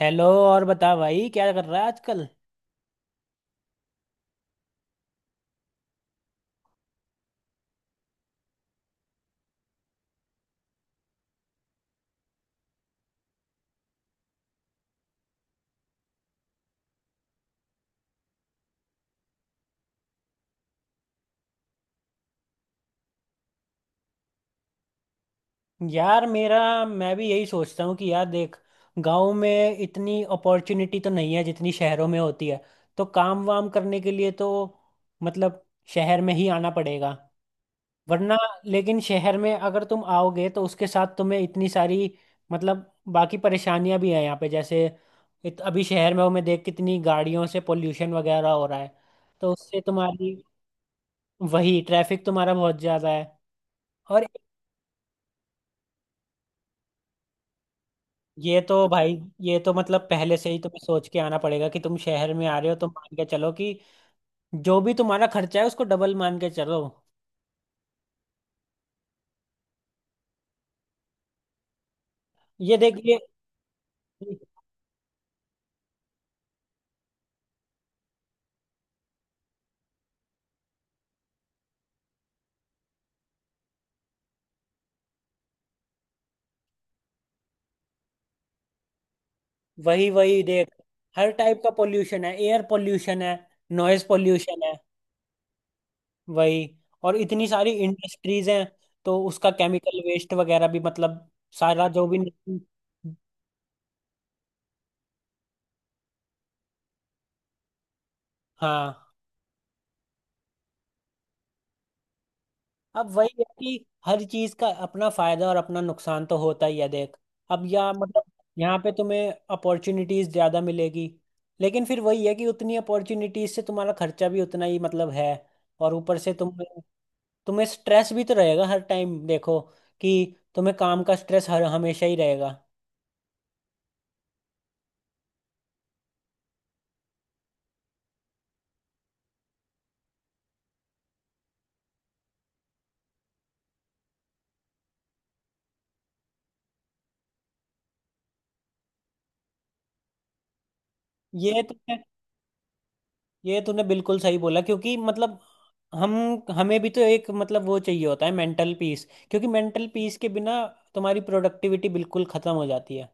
Hello. और बता भाई, क्या कर रहा है आजकल? यार, मेरा मैं भी यही सोचता हूँ कि यार देख, गांव में इतनी अपॉर्चुनिटी तो नहीं है जितनी शहरों में होती है। तो काम वाम करने के लिए तो मतलब शहर में ही आना पड़ेगा वरना। लेकिन शहर में अगर तुम आओगे तो उसके साथ तुम्हें इतनी सारी मतलब बाकी परेशानियां भी हैं यहाँ पे, जैसे अभी शहर में हूँ मैं, देख कितनी गाड़ियों से पोल्यूशन वगैरह हो रहा है। तो उससे तुम्हारी, वही ट्रैफिक तुम्हारा बहुत ज़्यादा है। और ये तो भाई, ये तो मतलब पहले से ही तुम्हें सोच के आना पड़ेगा कि तुम शहर में आ रहे हो तो मान के चलो कि जो भी तुम्हारा खर्चा है उसको डबल मान के चलो। ये देखिए, वही वही देख, हर टाइप का पोल्यूशन है, एयर पोल्यूशन है, नॉइज पोल्यूशन है। वही, और इतनी सारी इंडस्ट्रीज हैं, तो उसका केमिकल वेस्ट वगैरह भी मतलब सारा जो भी। हाँ। अब वही है कि हर चीज का अपना फायदा और अपना नुकसान तो होता ही है देख। अब या मतलब यहाँ पे तुम्हें अपॉर्चुनिटीज ज्यादा मिलेगी, लेकिन फिर वही है कि उतनी अपॉर्चुनिटीज से तुम्हारा खर्चा भी उतना ही मतलब है। और ऊपर से तुम, तुम्हें स्ट्रेस भी तो रहेगा हर टाइम, देखो कि तुम्हें काम का स्ट्रेस हर हमेशा ही रहेगा। ये तुमने ये तूने बिल्कुल सही बोला, क्योंकि मतलब हम हमें भी तो एक मतलब वो चाहिए होता है, मेंटल पीस। क्योंकि मेंटल पीस के बिना तुम्हारी प्रोडक्टिविटी बिल्कुल खत्म हो जाती है।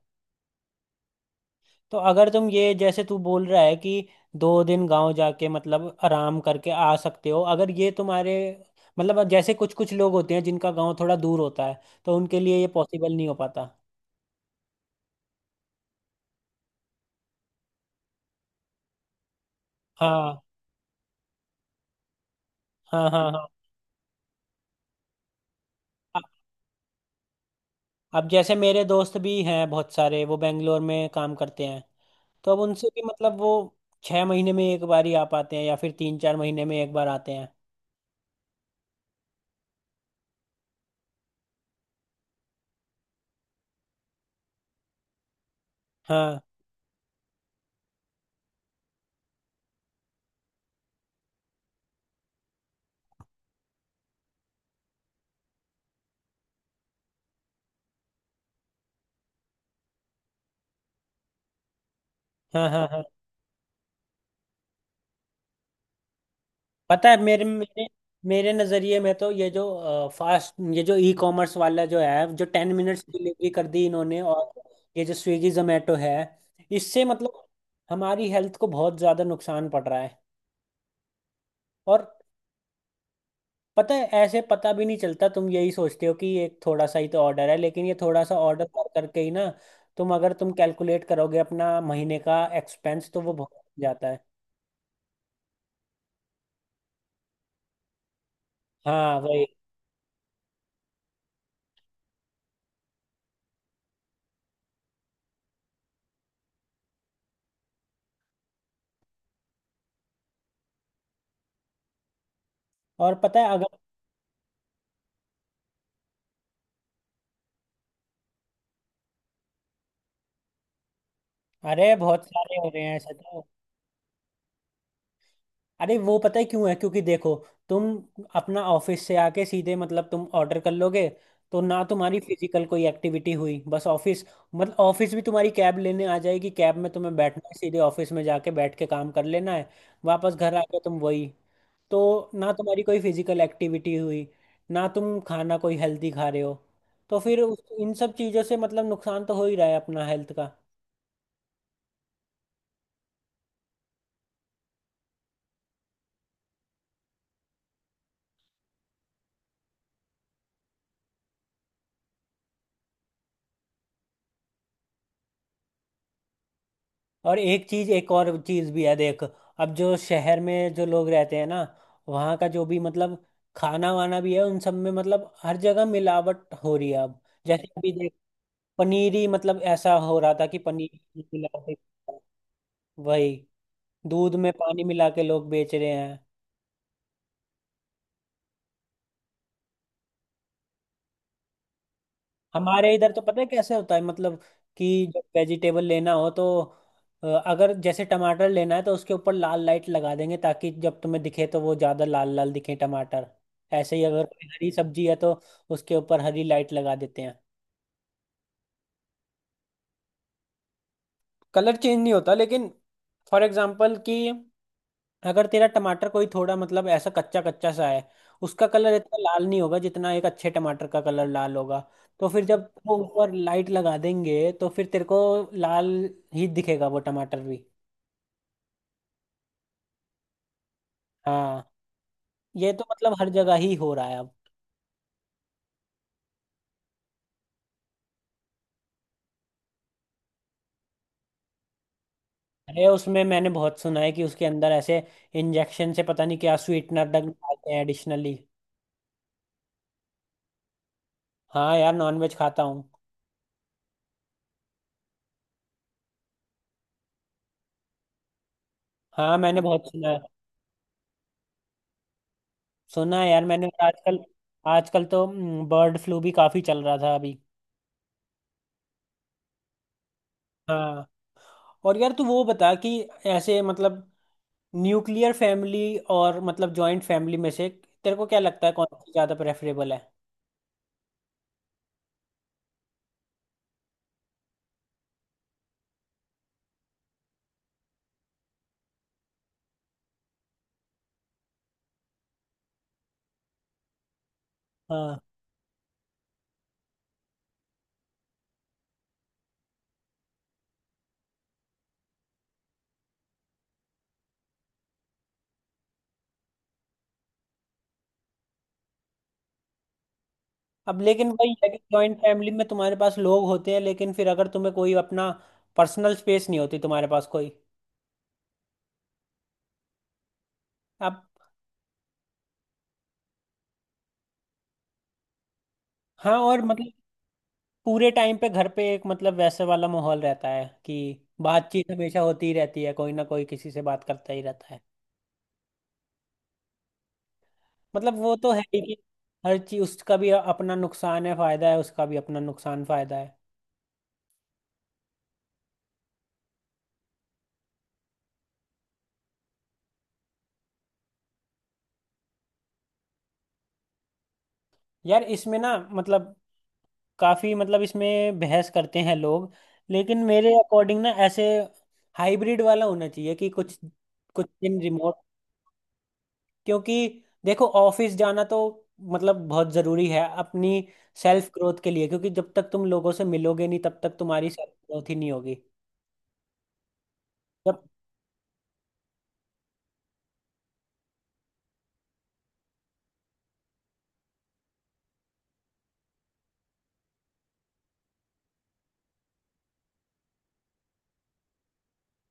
तो अगर तुम ये, जैसे तू बोल रहा है कि 2 दिन गांव जाके मतलब आराम करके आ सकते हो, अगर ये तुम्हारे मतलब जैसे कुछ कुछ लोग होते हैं जिनका गांव थोड़ा दूर होता है तो उनके लिए ये पॉसिबल नहीं हो पाता। हाँ, हाँ, हाँ, हाँ। अ- अब जैसे मेरे दोस्त भी हैं बहुत सारे, वो बेंगलोर में काम करते हैं। तो अब उनसे भी मतलब वो 6 महीने में एक बार ही आ पाते हैं या फिर 3-4 महीने में एक बार आते हैं। हाँ, हाँ, हाँ, हाँ। पता है, मेरे मेरे मेरे नज़रिए में तो ये जो फास्ट, ये जो ई कॉमर्स वाला जो है, जो 10 मिनट्स डिलीवरी कर दी इन्होंने, और ये जो स्विगी जोमेटो है, इससे मतलब हमारी हेल्थ को बहुत ज़्यादा नुकसान पड़ रहा है। और पता है ऐसे पता भी नहीं चलता, तुम यही सोचते हो कि ये थोड़ा सा ही तो ऑर्डर है, लेकिन ये थोड़ा सा ऑर्डर कर करके ही ना, तुम अगर तुम कैलकुलेट करोगे अपना महीने का एक्सपेंस तो वो बहुत हो जाता है। हाँ वही। और पता है अगर, अरे बहुत सारे हो रहे हैं ऐसे तो। अरे, वो पता है क्यों है? क्योंकि देखो तुम अपना ऑफिस से आके सीधे मतलब तुम ऑर्डर कर लोगे, तो ना तुम्हारी फिजिकल कोई एक्टिविटी हुई, बस ऑफिस मतलब ऑफिस भी तुम्हारी कैब लेने आ जाएगी, कैब में तुम्हें बैठना है, सीधे ऑफिस में जाके बैठ के काम कर लेना है, वापस घर आके तुम वही। तो ना तुम्हारी कोई फिजिकल एक्टिविटी हुई, ना तुम खाना कोई हेल्दी खा रहे हो। तो फिर इन सब चीज़ों से मतलब नुकसान तो हो ही रहा है अपना हेल्थ का। और एक और चीज भी है देख, अब जो शहर में जो लोग रहते हैं ना, वहाँ का जो भी मतलब खाना वाना भी है उन सब में मतलब हर जगह मिलावट हो रही है अब। जैसे अभी देख, पनीर ही मतलब ऐसा हो रहा था कि पनीर मिला के, वही दूध में पानी मिला के लोग बेच रहे हैं। हमारे इधर तो पता है कैसे होता है मतलब, कि जब वेजिटेबल लेना हो तो अगर जैसे टमाटर लेना है तो उसके ऊपर लाल लाइट लगा देंगे ताकि जब तुम्हें दिखे तो वो ज़्यादा लाल लाल दिखे टमाटर। ऐसे ही अगर कोई हरी सब्जी है तो उसके ऊपर हरी लाइट लगा देते हैं। कलर चेंज नहीं होता, लेकिन फॉर एग्जाम्पल कि अगर तेरा टमाटर कोई थोड़ा मतलब ऐसा कच्चा कच्चा सा है, उसका कलर इतना लाल नहीं होगा जितना एक अच्छे टमाटर का कलर लाल होगा। तो फिर जब वो ऊपर लाइट लगा देंगे तो फिर तेरे को लाल ही दिखेगा वो टमाटर भी। हाँ, ये तो मतलब हर जगह ही हो रहा है अब। अरे, उसमें मैंने बहुत सुना है कि उसके अंदर ऐसे इंजेक्शन से पता नहीं क्या स्वीटनर डालते हैं एडिशनली। हाँ यार, नॉनवेज खाता हूँ। हाँ, मैंने बहुत सुना है। सुना है यार मैंने, और आजकल, आजकल तो बर्ड फ्लू भी काफी चल रहा था अभी। हाँ। और यार तू वो बता कि ऐसे मतलब न्यूक्लियर फैमिली और मतलब जॉइंट फैमिली में से तेरे को क्या लगता है कौन सी ज्यादा प्रेफरेबल है? हाँ। अब लेकिन वही है कि जॉइंट फैमिली में तुम्हारे पास लोग होते हैं, लेकिन फिर अगर तुम्हें कोई अपना पर्सनल स्पेस नहीं होती तुम्हारे पास कोई। अब हाँ, और मतलब पूरे टाइम पे घर पे एक मतलब वैसे वाला माहौल रहता है कि बातचीत हमेशा होती ही रहती है, कोई ना कोई किसी से बात करता ही रहता है। मतलब वो तो है ही कि हर चीज, उसका भी अपना नुकसान है फायदा है, उसका भी अपना नुकसान फायदा है। यार, इसमें ना मतलब काफी मतलब इसमें बहस करते हैं लोग। लेकिन मेरे अकॉर्डिंग ना ऐसे हाइब्रिड वाला होना चाहिए कि कुछ, कुछ दिन रिमोट। क्योंकि देखो, ऑफिस जाना तो मतलब बहुत जरूरी है अपनी सेल्फ ग्रोथ के लिए, क्योंकि जब तक तुम लोगों से मिलोगे नहीं तब तक तुम्हारी सेल्फ ग्रोथ ही नहीं होगी। जब,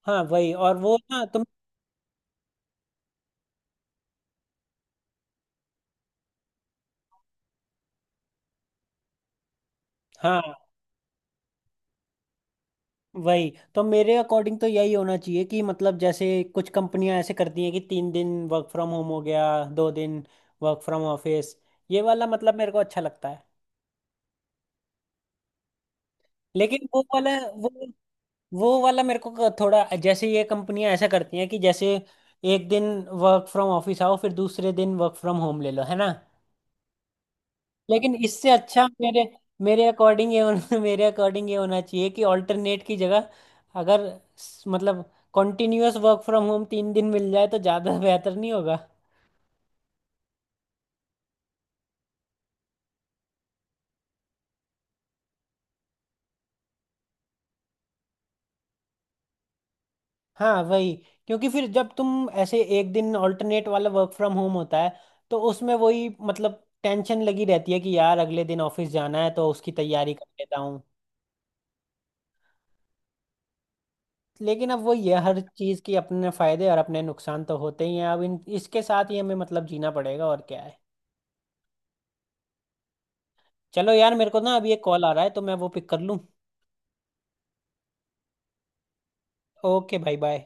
हाँ वही। और वो ना तुम, हाँ वही तो मेरे अकॉर्डिंग तो यही होना चाहिए कि मतलब जैसे कुछ कंपनियां ऐसे करती हैं कि 3 दिन वर्क फ्रॉम होम हो गया, 2 दिन वर्क फ्रॉम ऑफिस। ये वाला मतलब मेरे को अच्छा लगता है। लेकिन वो वाला मेरे को थोड़ा, जैसे ये कंपनियां ऐसा करती हैं कि जैसे एक दिन वर्क फ्रॉम ऑफिस आओ फिर दूसरे दिन वर्क फ्रॉम होम ले लो है ना। लेकिन इससे अच्छा मेरे मेरे अकॉर्डिंग ये होना मेरे अकॉर्डिंग ये होना चाहिए कि ऑल्टरनेट की जगह, अगर मतलब कॉन्टिन्यूअस वर्क फ्रॉम होम 3 दिन मिल जाए तो ज़्यादा बेहतर नहीं होगा? हाँ वही। क्योंकि फिर जब तुम ऐसे एक दिन ऑल्टरनेट वाला वर्क फ्रॉम होम होता है तो उसमें वही मतलब टेंशन लगी रहती है कि यार अगले दिन ऑफिस जाना है तो उसकी तैयारी कर लेता हूँ। लेकिन अब वो ये, हर चीज़ के अपने फायदे और अपने नुकसान तो होते ही हैं, अब इन इसके साथ ही हमें मतलब जीना पड़ेगा और क्या है। चलो यार, मेरे को ना अभी एक कॉल आ रहा है तो मैं वो पिक कर लूँ। ओके भाई, बाय।